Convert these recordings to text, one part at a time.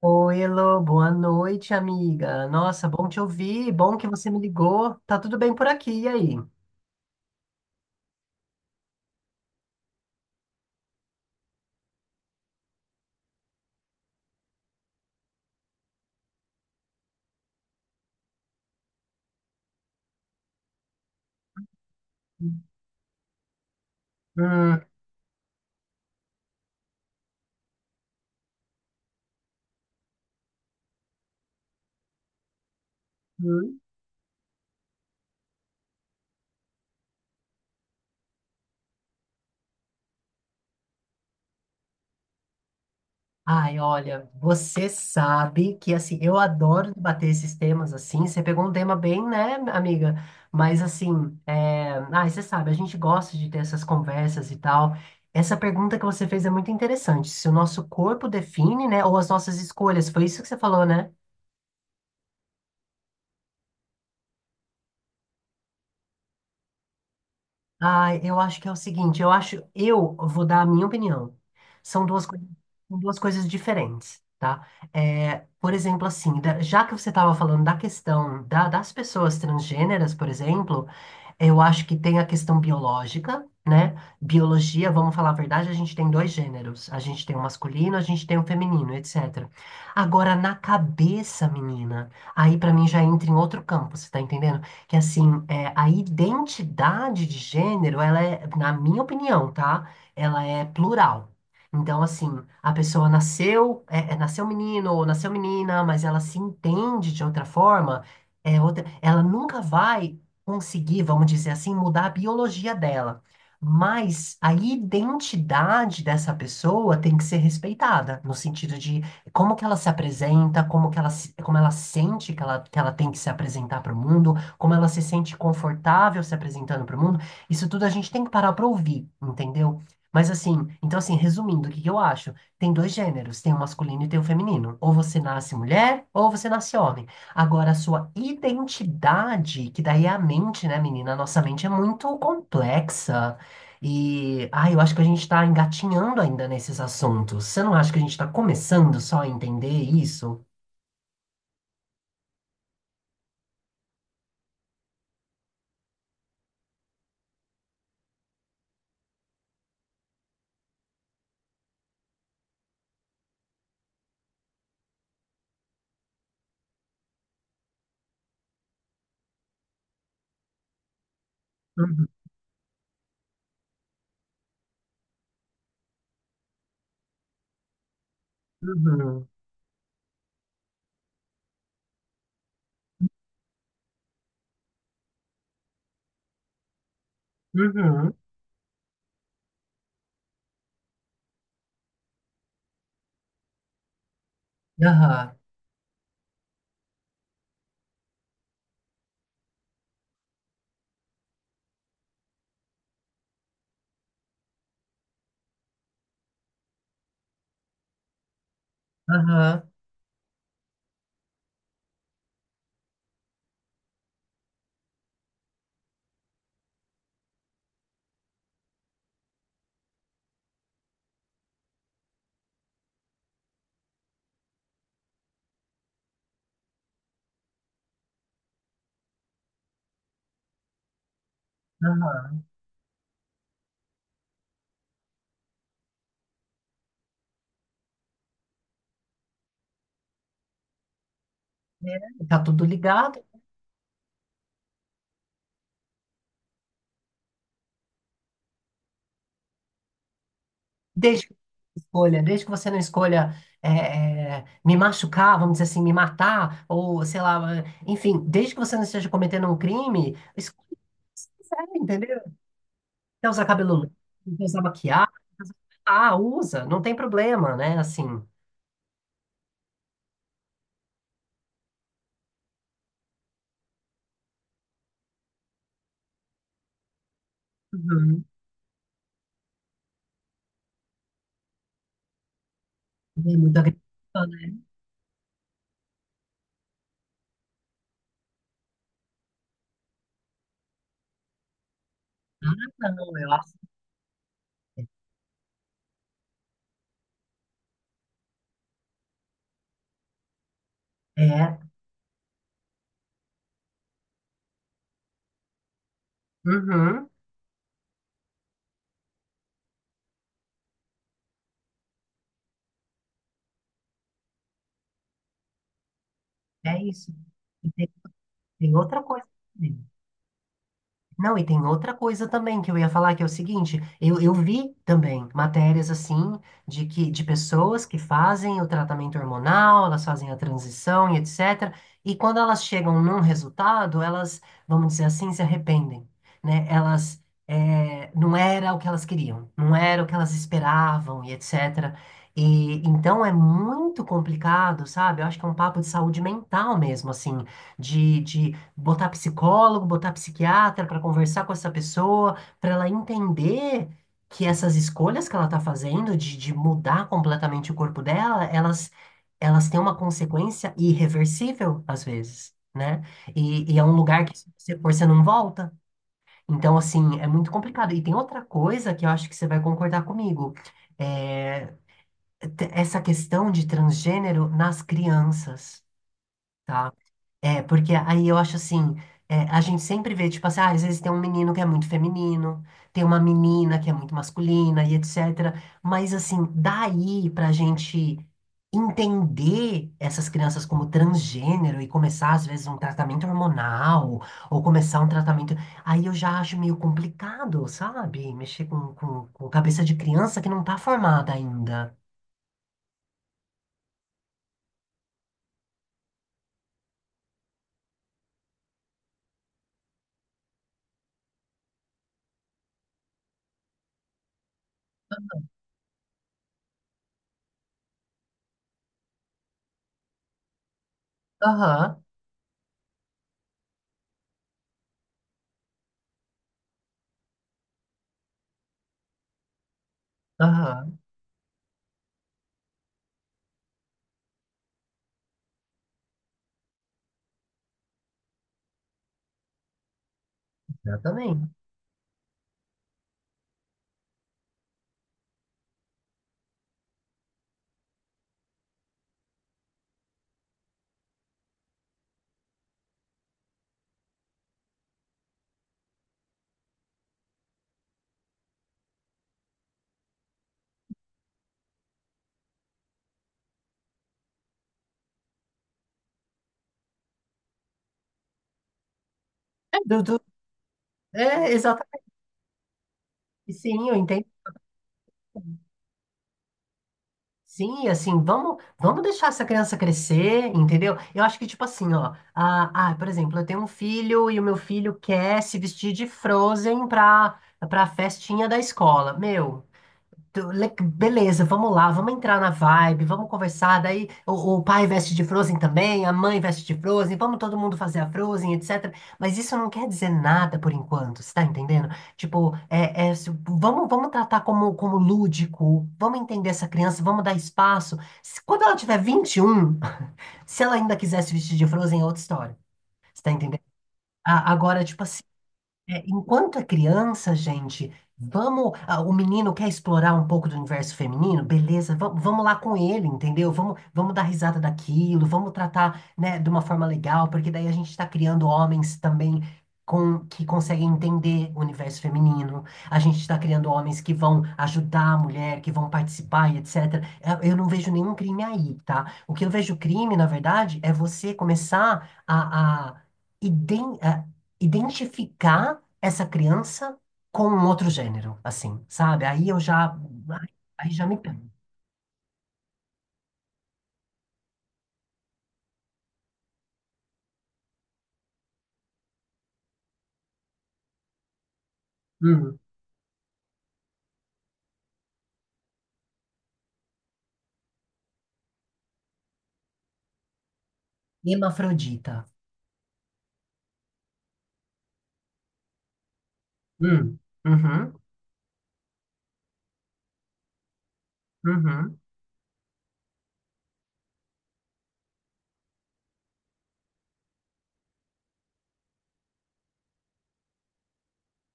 Oi, Elô, boa noite, amiga. Nossa, bom te ouvir, bom que você me ligou. Tá tudo bem por aqui, e aí? Hum, hum. Ai, olha, você sabe que, assim, eu adoro debater esses temas, assim, você pegou um tema bem, né, amiga? Mas, assim, ai, você sabe, a gente gosta de ter essas conversas e tal. Essa pergunta que você fez é muito interessante, se o nosso corpo define, né, ou as nossas escolhas, foi isso que você falou, né? Ah, eu acho que é o seguinte, eu acho, eu vou dar a minha opinião. São duas coisas, são duas coisas diferentes, tá? É, por exemplo, assim, já que você estava falando da questão das pessoas transgêneras, por exemplo, eu acho que tem a questão biológica, né? Biologia, vamos falar a verdade, a gente tem dois gêneros, a gente tem o masculino, a gente tem o feminino, etc. Agora, na cabeça, menina, aí pra mim já entra em outro campo, você tá entendendo? Que assim, a identidade de gênero, ela é, na minha opinião, tá? Ela é plural. Então, assim, a pessoa nasceu, nasceu menino ou nasceu menina, mas ela se entende de outra forma, é outra, ela nunca vai conseguir, vamos dizer assim, mudar a biologia dela. Mas a identidade dessa pessoa tem que ser respeitada, no sentido de como que ela se apresenta, como que ela, como ela sente que ela tem que se apresentar para o mundo, como ela se sente confortável se apresentando para o mundo, isso tudo a gente tem que parar para ouvir, entendeu? Mas assim, então assim, resumindo, o que que eu acho? Tem dois gêneros, tem o masculino e tem o feminino. Ou você nasce mulher, ou você nasce homem. Agora, a sua identidade, que daí é a mente, né, menina? A nossa mente é muito complexa. E, ah, eu acho que a gente está engatinhando ainda nesses assuntos. Você não acha que a gente está começando só a entender isso? Uhum, uhum, uhum, aham, aham. Aham, né? Tá tudo ligado. Desde que você escolha, desde que você não escolha me machucar, vamos dizer assim, me matar, ou sei lá, enfim, desde que você não esteja cometendo um crime, escolha o que você quiser, entendeu? Quer usar cabelo longo, quer usar maquiagem, quer usar- ah, usa, não tem problema, né? Assim, uhum. É muito agressivo, né? Ah, não, eu acho. É, é, uhum, é isso. E tem outra coisa também. Não, e tem outra coisa também que eu ia falar, que é o seguinte, eu vi também matérias assim de que de pessoas que fazem o tratamento hormonal, elas fazem a transição e etc. E quando elas chegam num resultado, elas, vamos dizer assim, se arrependem, né? Elas não era o que elas queriam, não era o que elas esperavam e etc. E então é muito complicado, sabe? Eu acho que é um papo de saúde mental mesmo, assim, de botar psicólogo, botar psiquiatra para conversar com essa pessoa, para ela entender que essas escolhas que ela está fazendo de mudar completamente o corpo dela, elas têm uma consequência irreversível, às vezes, né? E é um lugar que se você for, você não volta. Então, assim, é muito complicado. E tem outra coisa que eu acho que você vai concordar comigo. É, Essa questão de transgênero nas crianças. Tá, porque aí eu acho assim, a gente sempre vê, tipo assim, ah, às vezes tem um menino que é muito feminino, tem uma menina que é muito masculina e etc. Mas assim, daí pra gente entender essas crianças como transgênero e começar, às vezes, um tratamento hormonal, ou começar um tratamento. Aí eu já acho meio complicado, sabe? Mexer com cabeça de criança que não tá formada ainda. Aham, aham, exatamente. É, Dudu, é, exatamente. Sim, eu entendo. Sim, assim, vamos deixar essa criança crescer, entendeu? Eu acho que, tipo assim, ó, por exemplo, eu tenho um filho e o meu filho quer se vestir de Frozen pra festinha da escola. Meu, beleza, vamos lá, vamos entrar na vibe, vamos conversar. Daí o pai veste de Frozen também, a mãe veste de Frozen, vamos todo mundo fazer a Frozen, etc. Mas isso não quer dizer nada por enquanto, você tá entendendo? Tipo, vamos tratar como lúdico, vamos entender essa criança, vamos dar espaço. Quando ela tiver 21, se ela ainda quiser se vestir de Frozen, é outra história, você tá entendendo? Agora, tipo assim. É, enquanto é criança, gente, vamos. Ah, o menino quer explorar um pouco do universo feminino? Beleza, vamos lá com ele, entendeu? Vamos dar risada daquilo, vamos tratar, né, de uma forma legal, porque daí a gente está criando homens também que conseguem entender o universo feminino. A gente está criando homens que vão ajudar a mulher, que vão participar e etc. Eu não vejo nenhum crime aí, tá? O que eu vejo crime, na verdade, é você começar a identificar essa criança com um outro gênero, assim, sabe? Ai, aí já me pego. Hum. Hermafrodita. Hum. Uhum. Uhum.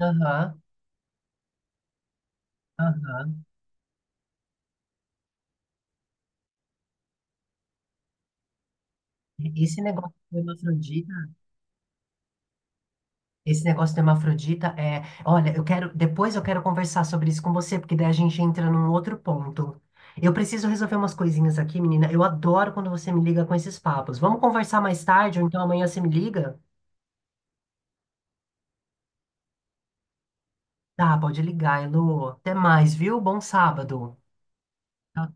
Aham. Aham. Esse negócio do hermafrodita, esse negócio do hermafrodita é, olha, eu quero, depois eu quero conversar sobre isso com você, porque daí a gente entra num outro ponto. Eu preciso resolver umas coisinhas aqui, menina. Eu adoro quando você me liga com esses papos. Vamos conversar mais tarde, ou então amanhã você me liga? Tá, pode ligar, Elô. Até mais, viu? Bom sábado. Então,